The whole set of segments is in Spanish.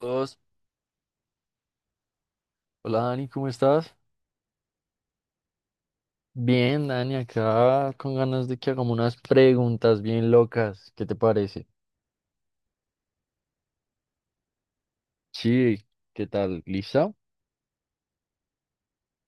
Dos. Hola Dani, ¿cómo estás? Bien, Dani, acá con ganas de que hagamos unas preguntas bien locas. ¿Qué te parece? Sí, ¿qué tal? ¿Lista?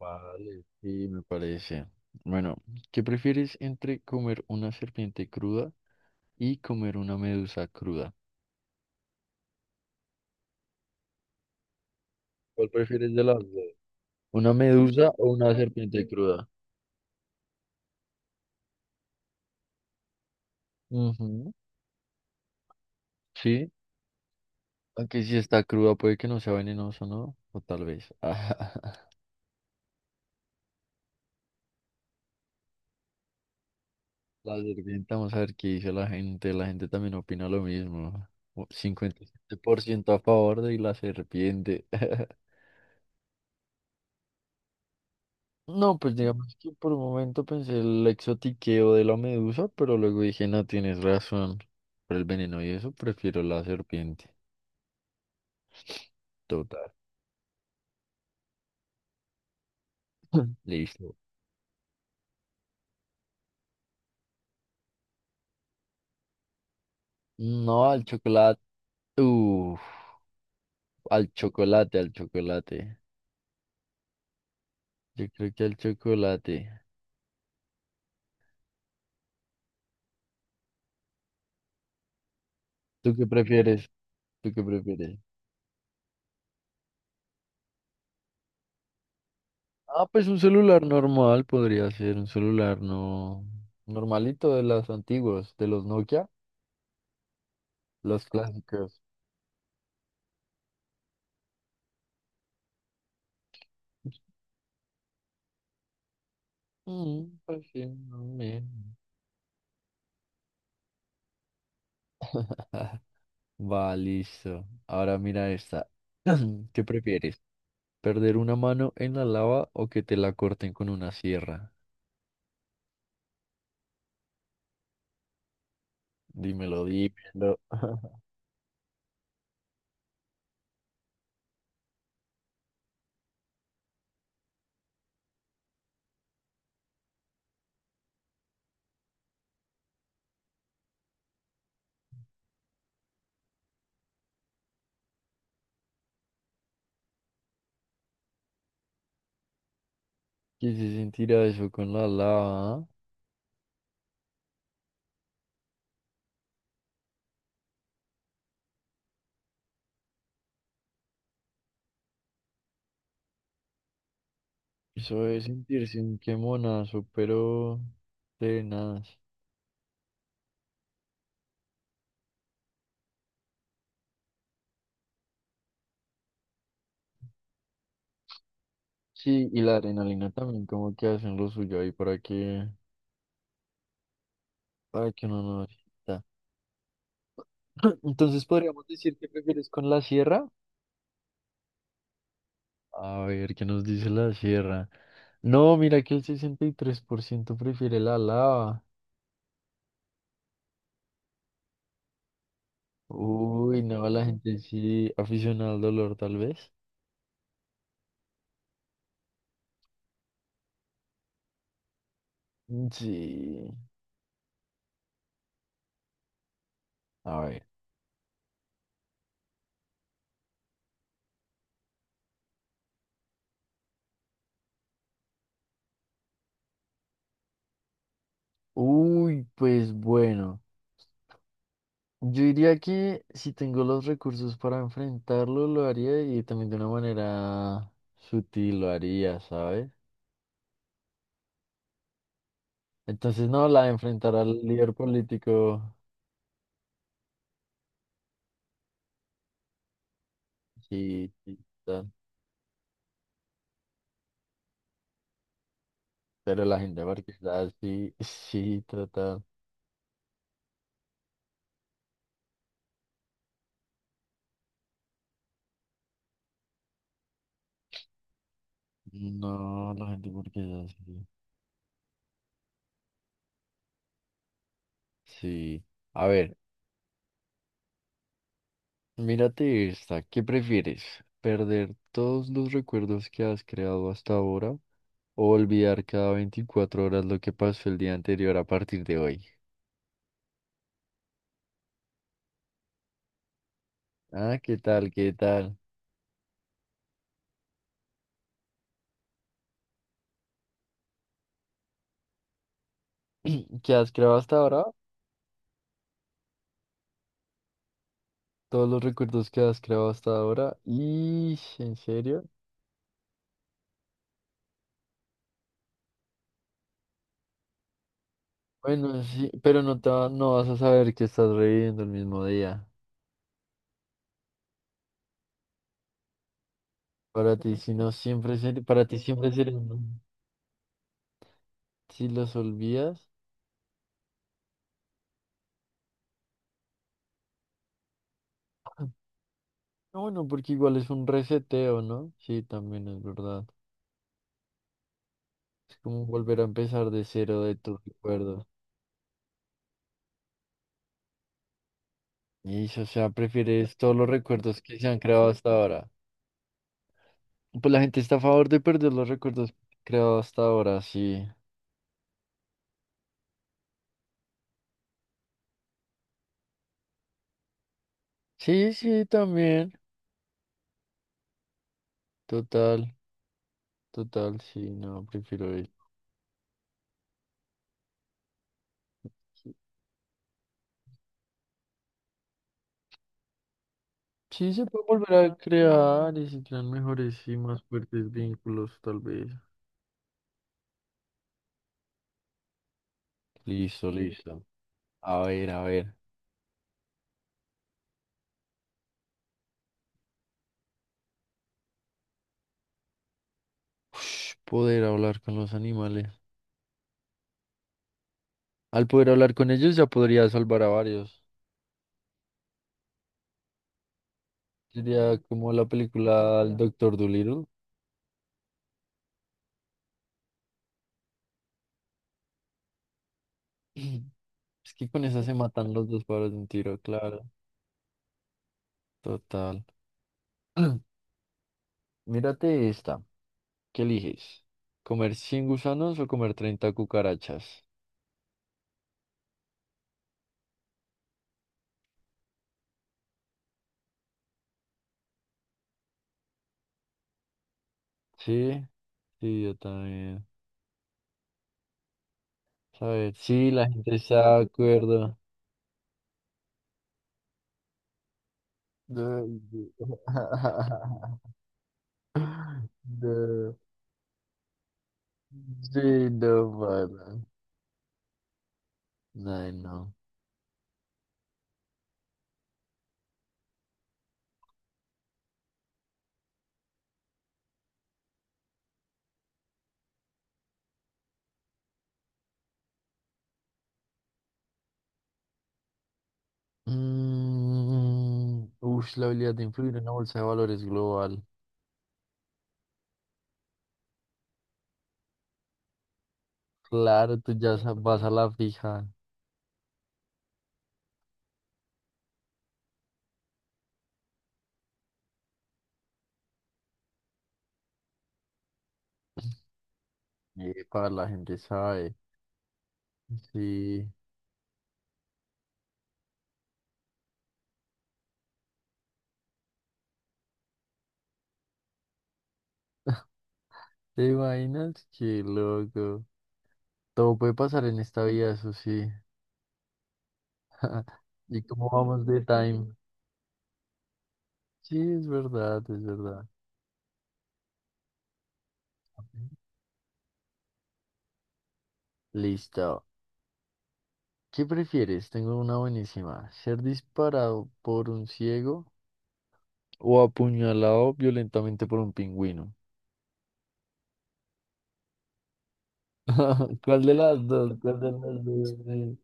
Vale. Sí, me parece. Bueno, ¿qué prefieres entre comer una serpiente cruda y comer una medusa cruda? ¿Cuál prefieres de las dos? ¿Una medusa o una serpiente cruda? Ujú, sí, aunque si está cruda puede que no sea venenoso, ¿no? O tal vez. La sirvienta, vamos a ver qué dice la gente. La gente también opina lo mismo. 57% a favor de la serpiente. No, pues digamos que por un momento pensé el exotiqueo de la medusa, pero luego dije, no, tienes razón. Por el veneno y eso, prefiero la serpiente. Total. Listo. No, al chocolate. Uf, al chocolate, al chocolate. Yo creo que al chocolate. ¿Tú qué prefieres? ¿Tú qué prefieres? Ah, pues un celular normal podría ser, un celular no normalito de las antiguas, de los Nokia, los clásicos. Mm, pues sí, no, bien. Va, listo. Ahora mira esta. ¿Qué prefieres? ¿Perder una mano en la lava o que te la corten con una sierra? Dímelo, dímelo. ¿Qué se sentirá eso con la lava? ¿Ah? Eso es sentirse un quemonazo, pero tenaz. Sí, y la adrenalina también como que hacen lo suyo ahí para que uno no sienta. Entonces podríamos decir que prefieres con la sierra. A ver, ¿qué nos dice la sierra? No, mira que el 63% prefiere la lava. Uy, no, la gente sí, aficionada al dolor tal vez. Mm, sí, a ver. Uy, pues bueno. Yo diría que si tengo los recursos para enfrentarlo, lo haría y también de una manera sutil lo haría, ¿sabes? Entonces, no, la de enfrentar al líder político, sí, sí, tal. Pero la gente porque es así, sí, trata. No, la gente porque es así. Sí. A ver, mírate esta. ¿Qué prefieres? ¿Perder todos los recuerdos que has creado hasta ahora o olvidar cada 24 horas lo que pasó el día anterior a partir de hoy? Ah, ¿qué tal? ¿Qué tal? ¿Qué has creado hasta ahora? Todos los recuerdos que has creado hasta ahora. ¿Y en serio? Bueno, sí, pero no vas a saber que estás reviviendo el mismo día. Para ti, si no siempre ser- para ti siempre será un lujo. Si los olvidas. No, bueno, porque igual es un reseteo, ¿no? Sí, también es verdad. Es como volver a empezar de cero de tus recuerdos. Y, o sea, prefieres todos los recuerdos que se han creado hasta ahora. Pues la gente está a favor de perder los recuerdos creados hasta ahora, sí. Sí, sí, también. Total, total, sí, no, prefiero ir. Sí, se puede volver a crear y se crean mejores y más fuertes vínculos, tal vez. Listo, listo. A ver, a ver. Ush, poder hablar con los animales. Al poder hablar con ellos ya podría salvar a varios. Sería como la película El Doctor Dolittle. Es que con esa se matan los dos pájaros de un tiro, claro. Total. Mírate esta. ¿Qué eliges? ¿Comer 100 gusanos o comer 30 cucarachas? Sí, sí, yo también. A ver, sí, la gente está de acuerdo. No, sí. No. Sí, no, para. Ay, no. Mm, ush, la habilidad de influir en una bolsa de valores global. Claro, vas a la fija. Para la gente sabe. Sí. ¿Te imaginas? Qué loco. Todo puede pasar en esta vida, eso sí. ¿Y cómo vamos de time? Sí, es verdad, es verdad. Listo. ¿Qué prefieres? Tengo una buenísima. ¿Ser disparado por un ciego o apuñalado violentamente por un pingüino? ¿Cuál de las dos? ¿Cuál de las dos?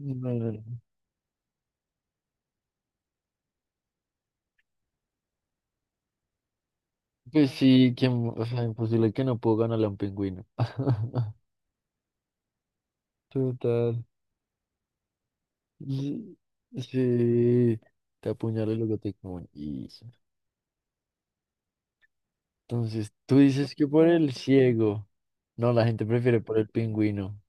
No, no, no. Pues sí, que, o sea, imposible que no puedo ganarle a un pingüino. Total. Sí, sí, te apuñalo y luego te como. Entonces, tú dices que por el ciego. No, la gente prefiere por el pingüino.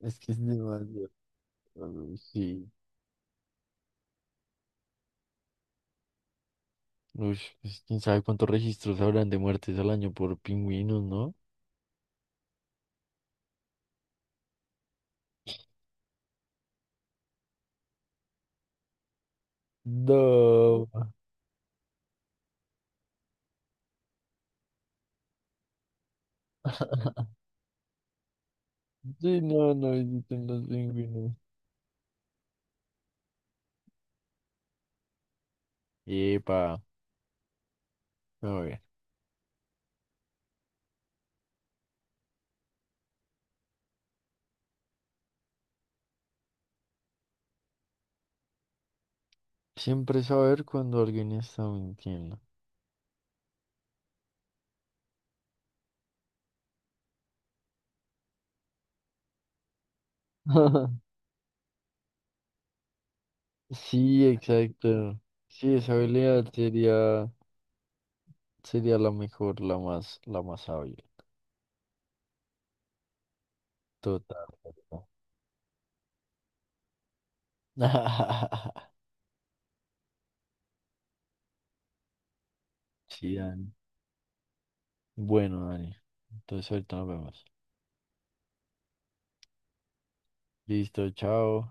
Es que es demasiado raro. Sí. Uy, pues, quién sabe cuántos registros habrán de muertes al año por pingüinos, ¿no? No. Sí, no, no visiten los pingüinos. Epa, a ver. Siempre saber cuando alguien está mintiendo. Sí, exacto. Sí, esa habilidad sería, sería la mejor, la más hábil. Total, total. Sí, Dani. Bueno, Dani. Entonces ahorita nos vemos. Listo, chao.